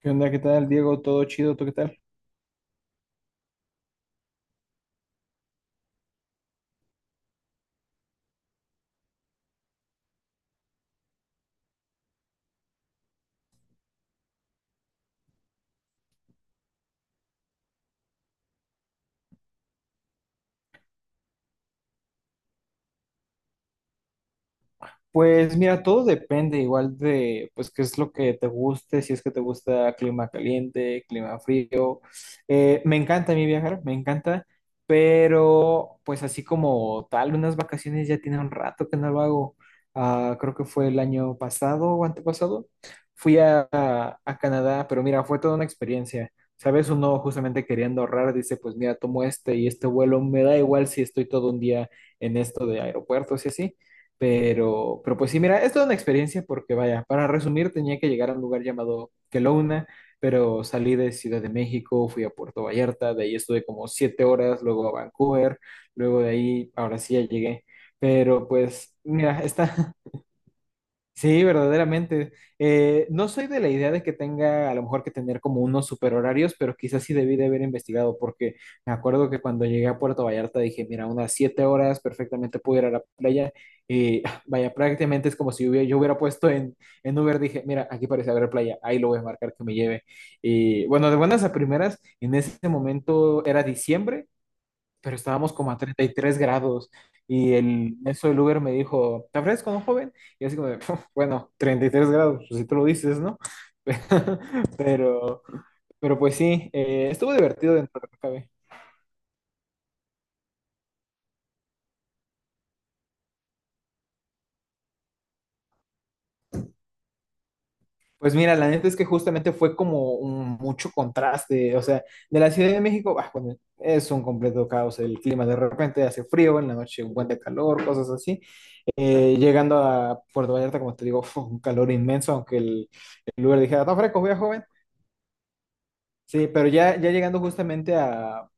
¿Qué onda? ¿Qué tal, Diego? ¿Todo chido? ¿Tú qué tal? Pues mira, todo depende igual de, pues, qué es lo que te guste, si es que te gusta clima caliente, clima frío. Me encanta a mí viajar, me encanta, pero pues así como tal, unas vacaciones ya tiene un rato que no lo hago. Ah, creo que fue el año pasado o antepasado. Fui a Canadá, pero mira, fue toda una experiencia. ¿Sabes? Uno justamente queriendo ahorrar dice, pues mira, tomo este y este vuelo, me da igual si estoy todo un día en esto de aeropuertos y así. Pero pues sí, mira, es toda una experiencia porque vaya, para resumir tenía que llegar a un lugar llamado Kelowna, pero salí de Ciudad de México, fui a Puerto Vallarta, de ahí estuve como 7 horas, luego a Vancouver, luego de ahí, ahora sí ya llegué. Pero pues, mira, está. Sí, verdaderamente. No soy de la idea de que tenga a lo mejor que tener como unos super horarios, pero quizás sí debí de haber investigado, porque me acuerdo que cuando llegué a Puerto Vallarta dije, mira, unas 7 horas perfectamente puedo ir a la playa. Y ah, vaya, prácticamente es como si hubiera, yo hubiera puesto en Uber, dije, mira, aquí parece haber playa, ahí lo voy a marcar que me lleve. Y bueno, de buenas a primeras, en ese momento era diciembre pero estábamos como a 33 grados y el eso del Uber me dijo, ¿te ofreces como joven? Y así como, de, bueno, 33 grados, pues si tú lo dices, ¿no? Pero, pues sí, estuvo divertido dentro de lo que cabe. Pues mira, la neta es que justamente fue como un mucho contraste, o sea, de la Ciudad de México, bah, bueno, es un completo caos el clima, de repente hace frío, en la noche un buen de calor, cosas así. Llegando a Puerto Vallarta, como te digo, fue un calor inmenso, aunque el Uber dijera, está fresco, voy a joven. Sí, pero ya llegando justamente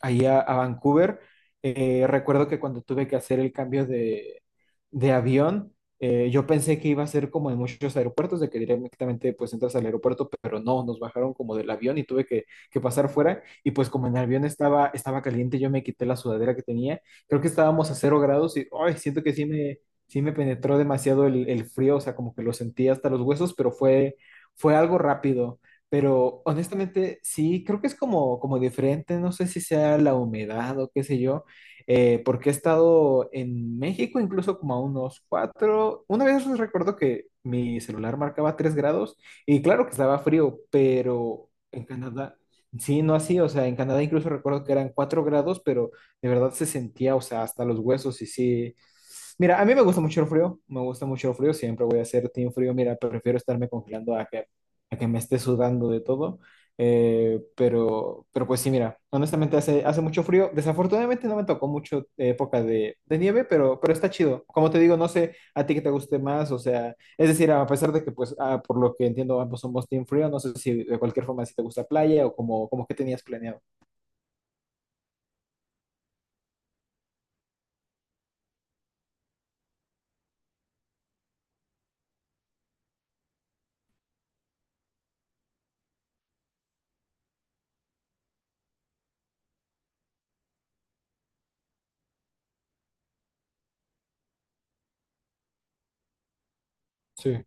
ahí a Vancouver, recuerdo que cuando tuve que hacer el cambio de avión. Yo pensé que iba a ser como en muchos aeropuertos, de que directamente pues entras al aeropuerto, pero no, nos bajaron como del avión y tuve que pasar fuera. Y pues como en el avión estaba caliente, yo me quité la sudadera que tenía. Creo que estábamos a 0 grados y ay, siento que sí sí me penetró demasiado el frío, o sea, como que lo sentí hasta los huesos, pero fue algo rápido. Pero honestamente, sí, creo que es como, como diferente, no sé si sea la humedad o qué sé yo, porque he estado en México incluso como a unos cuatro, una vez recuerdo que mi celular marcaba 3 grados y claro que estaba frío, pero en Canadá, sí, no así, o sea, en Canadá incluso recuerdo que eran 4 grados, pero de verdad se sentía, o sea, hasta los huesos y sí. Mira, a mí me gusta mucho el frío, me gusta mucho el frío, siempre voy a ser team frío, mira, prefiero estarme congelando a que me esté sudando de todo. Pero, pues sí, mira, honestamente hace mucho frío. Desafortunadamente no me tocó mucho época de nieve, pero, está chido. Como te digo, no sé a ti que te guste más, o sea, es decir, a pesar de que, pues, ah, por lo que entiendo, ambos somos team frío, no sé si de cualquier forma si te gusta playa o como, como que tenías planeado. Sí.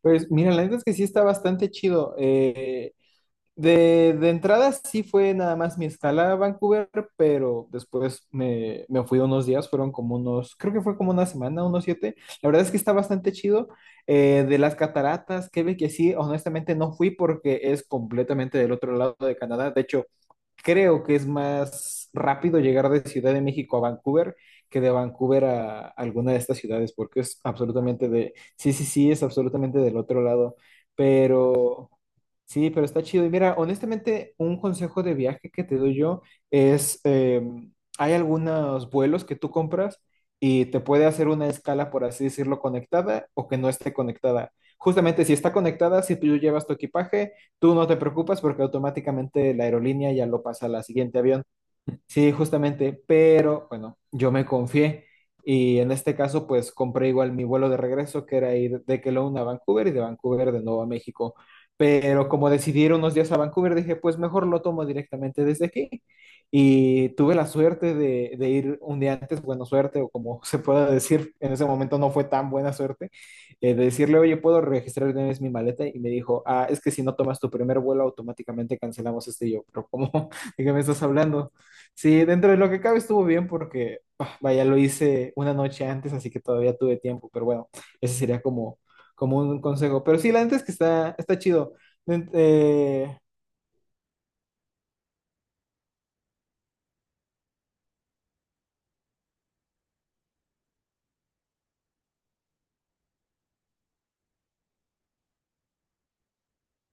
Pues mira, la neta es que sí está bastante chido. De entrada sí fue nada más mi escala a Vancouver, pero después me fui unos días, fueron como unos, creo que fue como una semana, unos 7. La verdad es que está bastante chido. De las cataratas, Quebec, que sí, honestamente no fui porque es completamente del otro lado de Canadá. De hecho, creo que es más rápido llegar de Ciudad de México a Vancouver que de Vancouver a alguna de estas ciudades, porque es absolutamente de, sí, sí, sí, es absolutamente del otro lado. Pero... Sí, pero está chido. Y mira, honestamente, un consejo de viaje que te doy yo es, hay algunos vuelos que tú compras y te puede hacer una escala, por así decirlo, conectada o que no esté conectada. Justamente si está conectada, si tú llevas tu equipaje, tú no te preocupas porque automáticamente la aerolínea ya lo pasa al siguiente avión. Sí, justamente, pero bueno, yo me confié y en este caso pues compré igual mi vuelo de regreso que era ir de Kelowna a Vancouver y de Vancouver de nuevo a México. Pero como decidí ir unos días a Vancouver, dije pues mejor lo tomo directamente desde aquí. Y tuve la suerte de ir un día antes, buena suerte o como se pueda decir, en ese momento no fue tan buena suerte, de decirle, oye, ¿puedo registrar de una vez mi maleta? Y me dijo, ah, es que si no tomas tu primer vuelo automáticamente cancelamos este. Y yo: pero ¿cómo? ¿De qué me estás hablando? Sí, dentro de lo que cabe estuvo bien porque, ah, vaya, lo hice una noche antes, así que todavía tuve tiempo, pero bueno, ese sería como, como un consejo. Pero sí, la neta es que está, está chido. Ent- eh,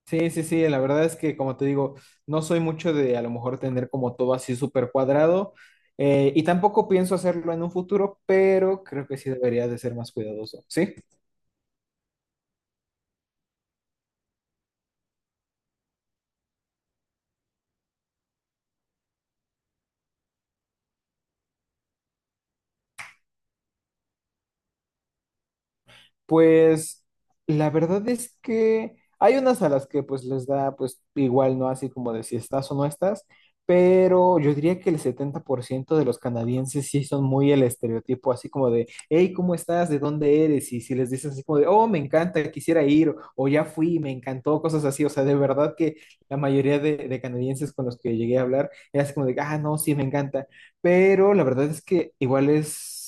sí, sí, sí, la verdad es que, como te digo, no soy mucho de a lo mejor tener como todo así súper cuadrado, y tampoco pienso hacerlo en un futuro, pero creo que sí debería de ser más cuidadoso, ¿sí? Pues la verdad es que hay unas a las que pues les da pues igual, ¿no? Así como de si estás o no estás, pero yo diría que el 70% de los canadienses sí son muy el estereotipo, así como de, hey, ¿cómo estás? ¿De dónde eres? Y si les dices así como de, oh, me encanta, quisiera ir, o ya fui, me encantó, cosas así, o sea, de verdad que la mayoría de canadienses con los que llegué a hablar era así como de, ah, no, sí, me encanta, pero la verdad es que igual es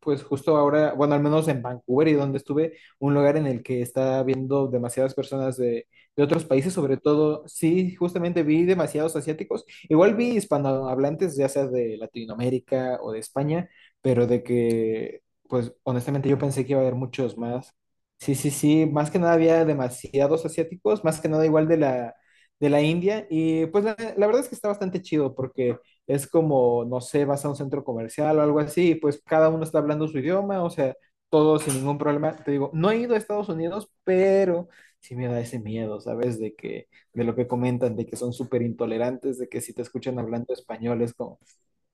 pues justo ahora, bueno, al menos en Vancouver y donde estuve, un lugar en el que está viendo demasiadas personas de otros países, sobre todo, sí, justamente vi demasiados asiáticos, igual vi hispanohablantes, ya sea de Latinoamérica o de España, pero de que, pues honestamente yo pensé que iba a haber muchos más. Sí, sí, sí, más que nada había demasiados asiáticos, más que nada igual de de la India, y pues la verdad es que está bastante chido porque es como, no sé, vas a un centro comercial o algo así, y pues cada uno está hablando su idioma, o sea, todo sin ningún problema. Te digo, no he ido a Estados Unidos, pero sí me da ese miedo, ¿sabes? De que, de lo que comentan, de que son súper intolerantes, de que si te escuchan hablando español es como,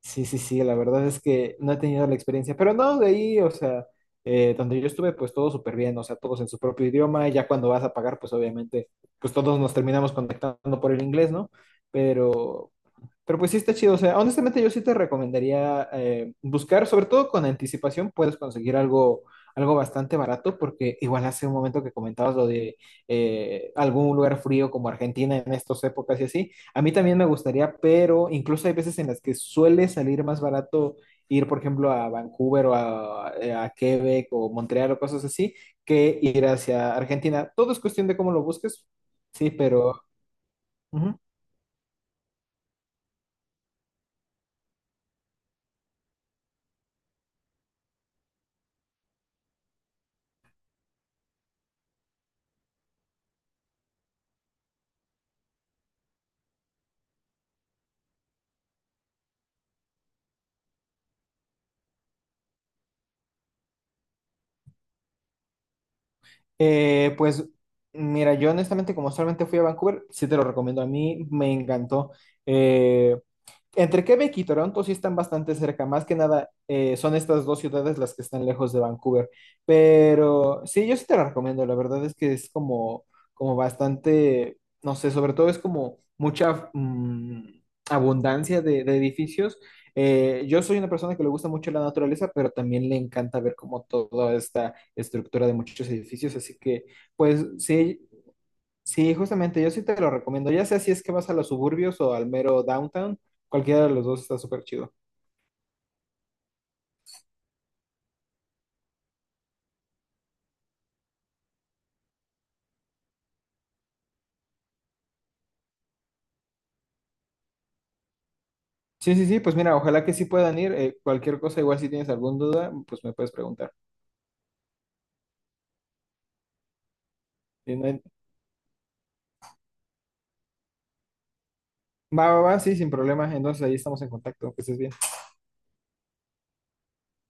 sí, sí, sí, la verdad es que no he tenido la experiencia, pero no, de ahí, o sea, donde yo estuve, pues todo súper bien, o sea, todos en su propio idioma, y ya cuando vas a pagar, pues obviamente, pues todos nos terminamos contactando por el inglés, ¿no? Pero, pues sí está chido, o sea, honestamente yo sí te recomendaría buscar, sobre todo con anticipación, puedes conseguir algo, algo bastante barato, porque igual hace un momento que comentabas lo de algún lugar frío como Argentina en estas épocas y así, a mí también me gustaría, pero incluso hay veces en las que suele salir más barato ir, por ejemplo, a Vancouver o a Quebec o Montreal o cosas así, que ir hacia Argentina. Todo es cuestión de cómo lo busques, sí, pero... ujú. Pues mira, yo honestamente como solamente fui a Vancouver, sí te lo recomiendo. A mí me encantó. Eh, Entre Quebec y Toronto sí están bastante cerca, más que nada son estas dos ciudades las que están lejos de Vancouver, pero sí, yo sí te la recomiendo, la verdad es que es como, como bastante, no sé, sobre todo es como mucha abundancia de edificios. Yo soy una persona que le gusta mucho la naturaleza, pero también le encanta ver como toda esta estructura de muchos edificios, así que pues sí. Sí, justamente, yo sí te lo recomiendo. Ya sea si es que vas a los suburbios o al mero downtown, cualquiera de los dos está súper chido. Sí, sí, sí, pues mira, ojalá que sí puedan ir. Cualquier cosa, igual si tienes alguna duda, pues me puedes preguntar. Y no hay- Va, va, va, sí, sin problema. Entonces ahí estamos en contacto, que estés bien.